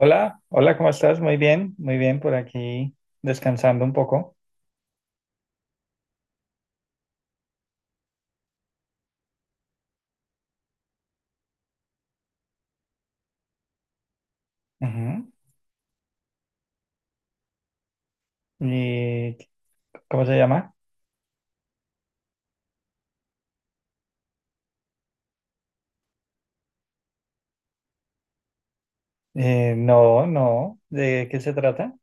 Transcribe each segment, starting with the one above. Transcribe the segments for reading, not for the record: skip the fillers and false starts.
Hola, hola, ¿cómo estás? Muy bien, por aquí descansando un poco. Ujú. ¿Y cómo se llama? No, no, ¿de qué se trata?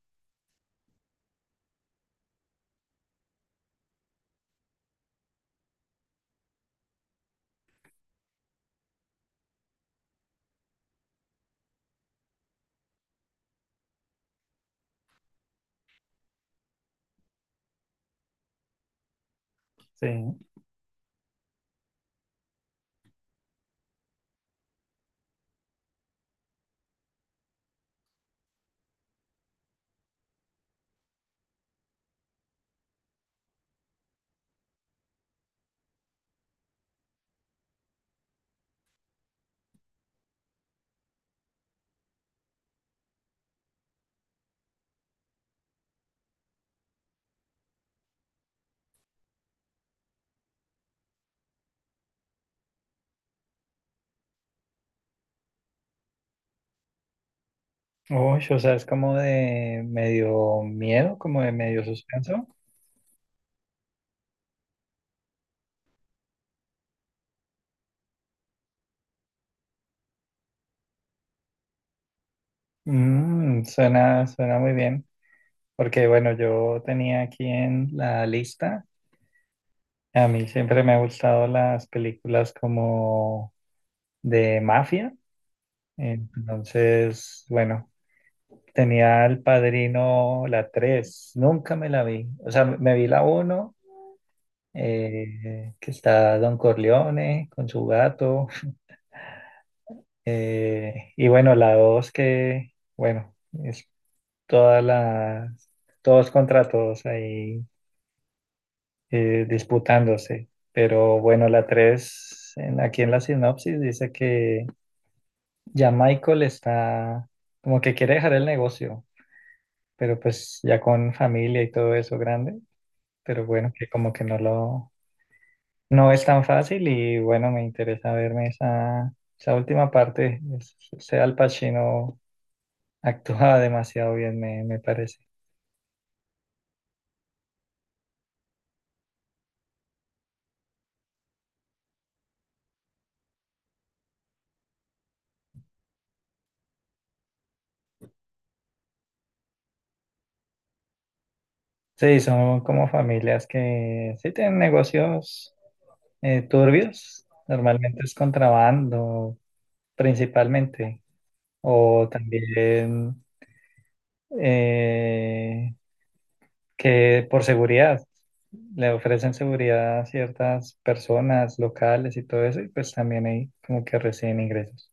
Sí. Uy, o sea, es como de medio miedo, como de medio suspenso. Suena, suena muy bien, porque bueno, yo tenía aquí en la lista, a mí siempre me han gustado las películas como de mafia, entonces, bueno. Tenía El Padrino, la 3 nunca me la vi. O sea, me vi la uno que está Don Corleone con su gato, y bueno, la 2 que, bueno, es todas las, todos contra todos ahí disputándose. Pero bueno, la 3 aquí en la sinopsis dice que ya Michael está como que quiere dejar el negocio, pero pues ya con familia y todo eso grande, pero bueno, que como que no lo, no es tan fácil, y bueno, me interesa verme esa, esa última parte. Sea, Al Pacino actúa demasiado bien, me parece. Sí, son como familias que sí tienen negocios turbios, normalmente es contrabando principalmente, o también… eh, que por seguridad le ofrecen seguridad a ciertas personas locales y todo eso, y pues también ahí como que reciben ingresos.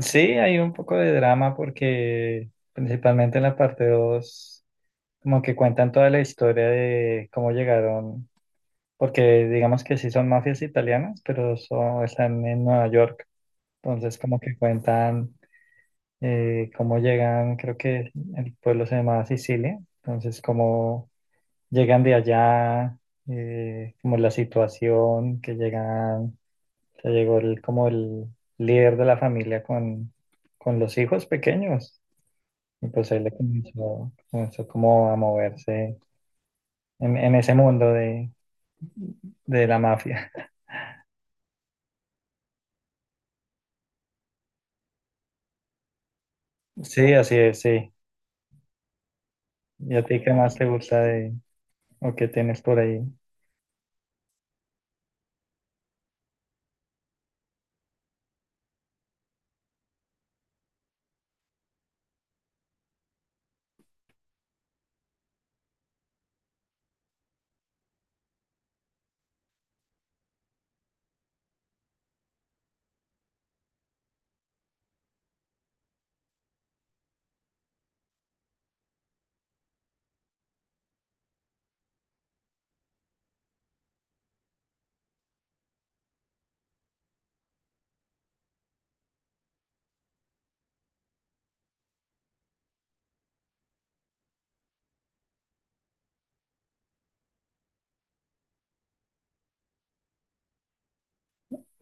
Sí, hay un poco de drama porque principalmente en la parte 2 como que cuentan toda la historia de cómo llegaron, porque digamos que sí son mafias italianas, pero son, están en Nueva York, entonces como que cuentan cómo llegan. Creo que el pueblo se llamaba Sicilia, entonces como llegan de allá, como la situación, que llegan, que llegó el, como el líder de la familia con los hijos pequeños. Y pues él le comenzó, comenzó como a moverse en ese mundo de la mafia. Sí, así es, sí. ¿Y a ti qué más te gusta de, o qué tienes por ahí?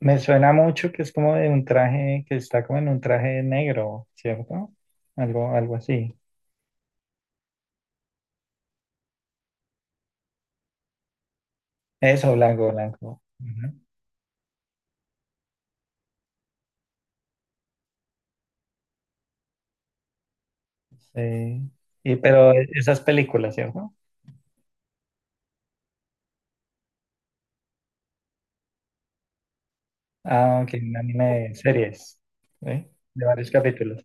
Me suena mucho que es como de un traje, que está como en un traje negro, ¿cierto? Algo, algo así. Eso, blanco, blanco. Ujú. Sí. Y pero esas películas, ¿cierto? Ah, ok, un anime de series, ¿sí? De varios capítulos.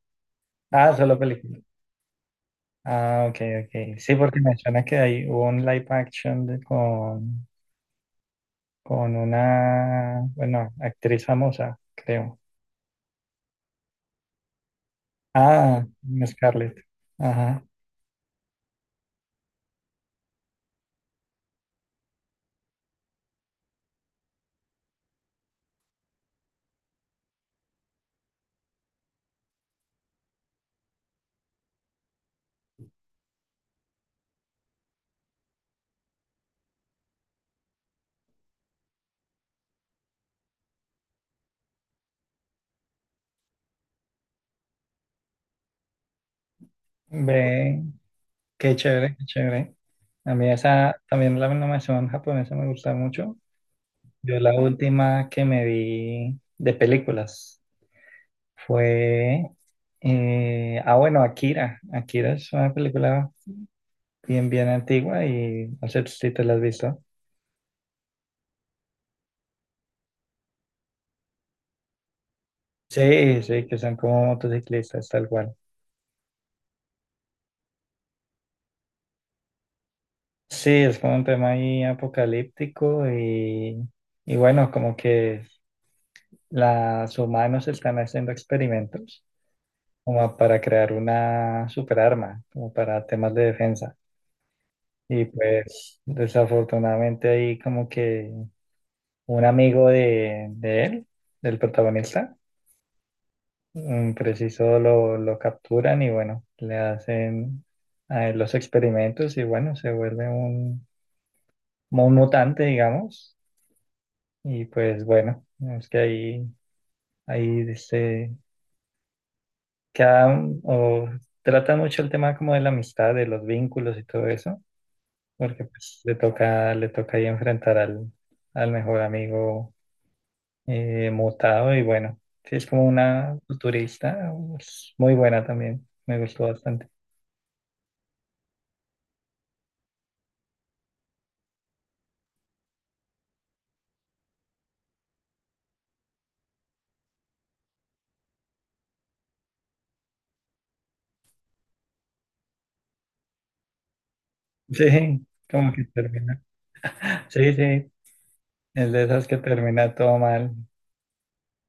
Ah, solo películas. Ah, ok, ok. Sí, porque me suena que hay hubo un live action con una, bueno, actriz famosa, creo. Ah, Scarlett. Ajá. Ve, qué chévere, qué chévere. A mí esa, también la animación japonesa me gusta mucho. Yo la última que me vi de películas fue, bueno, Akira. Akira es una película bien, bien antigua y no sé si te la has visto. Sí, sí, que son como motociclistas, tal cual. Sí, es como un tema ahí apocalíptico, y bueno, como que los humanos están haciendo experimentos como para crear una superarma, como para temas de defensa. Y pues desafortunadamente ahí como que un amigo de él, del protagonista, preciso lo capturan, y bueno, le hacen a él los experimentos, y bueno, se vuelve un, como un mutante, digamos. Y pues bueno, es que ahí, ahí se queda o trata mucho el tema como de la amistad, de los vínculos y todo eso, porque pues le toca ahí enfrentar al, al mejor amigo mutado, y bueno, sí, es como una futurista pues, muy buena también, me gustó bastante. Sí, como que termina. Sí, sí, es de esas que termina todo mal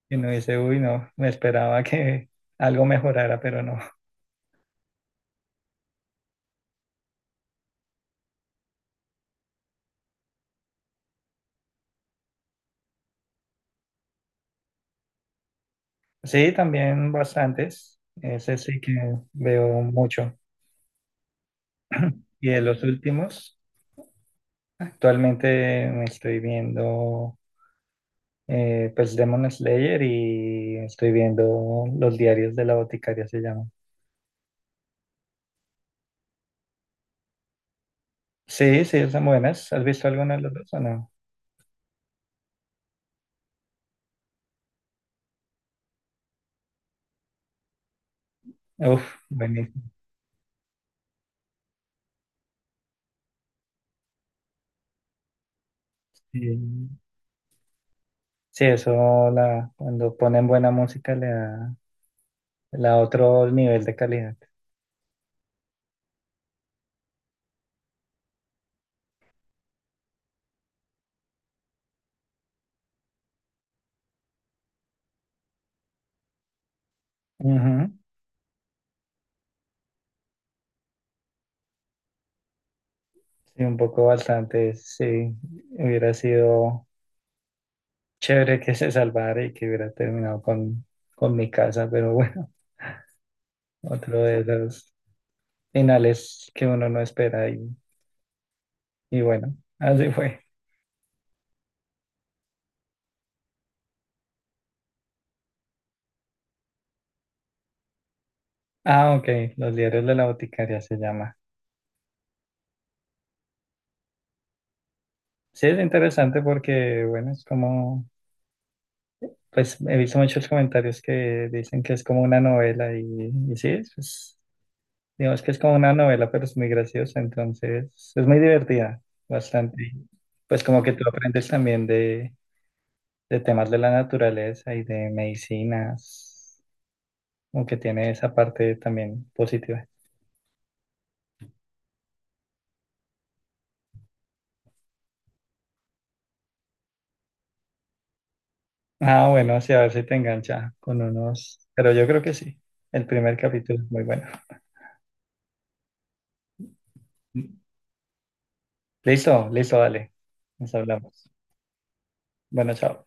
y uno dice, uy, no, me esperaba que algo mejorara, pero no. Sí, también bastantes, ese sí que veo mucho. Y de los últimos, actualmente me estoy viendo pues Demon Slayer, y estoy viendo Los Diarios de la Boticaria, se llama. Sí, sí, son buenas. ¿Has visto alguna de las dos o no? Uf, buenísimo. Sí, sí, eso la, cuando ponen buena música le da otro nivel de calidad. Ujú. Sí, un poco bastante, sí. Hubiera sido chévere que se salvara y que hubiera terminado con mi casa, pero bueno, otro de esos finales que uno no espera, y bueno, así fue. Ah, ok, Los Diarios de la Boticaria se llama. Sí, es interesante porque, bueno, es como… Pues he visto muchos comentarios que dicen que es como una novela, y sí, digamos que es como una novela, pero es muy graciosa, entonces es muy divertida, bastante. Y pues como que tú aprendes también de temas de la naturaleza y de medicinas, como que tiene esa parte también positiva. Ah, bueno, sí, a ver si te engancha con unos, pero yo creo que sí, el primer capítulo es muy bueno. Listo, listo, dale, nos hablamos. Bueno, chao.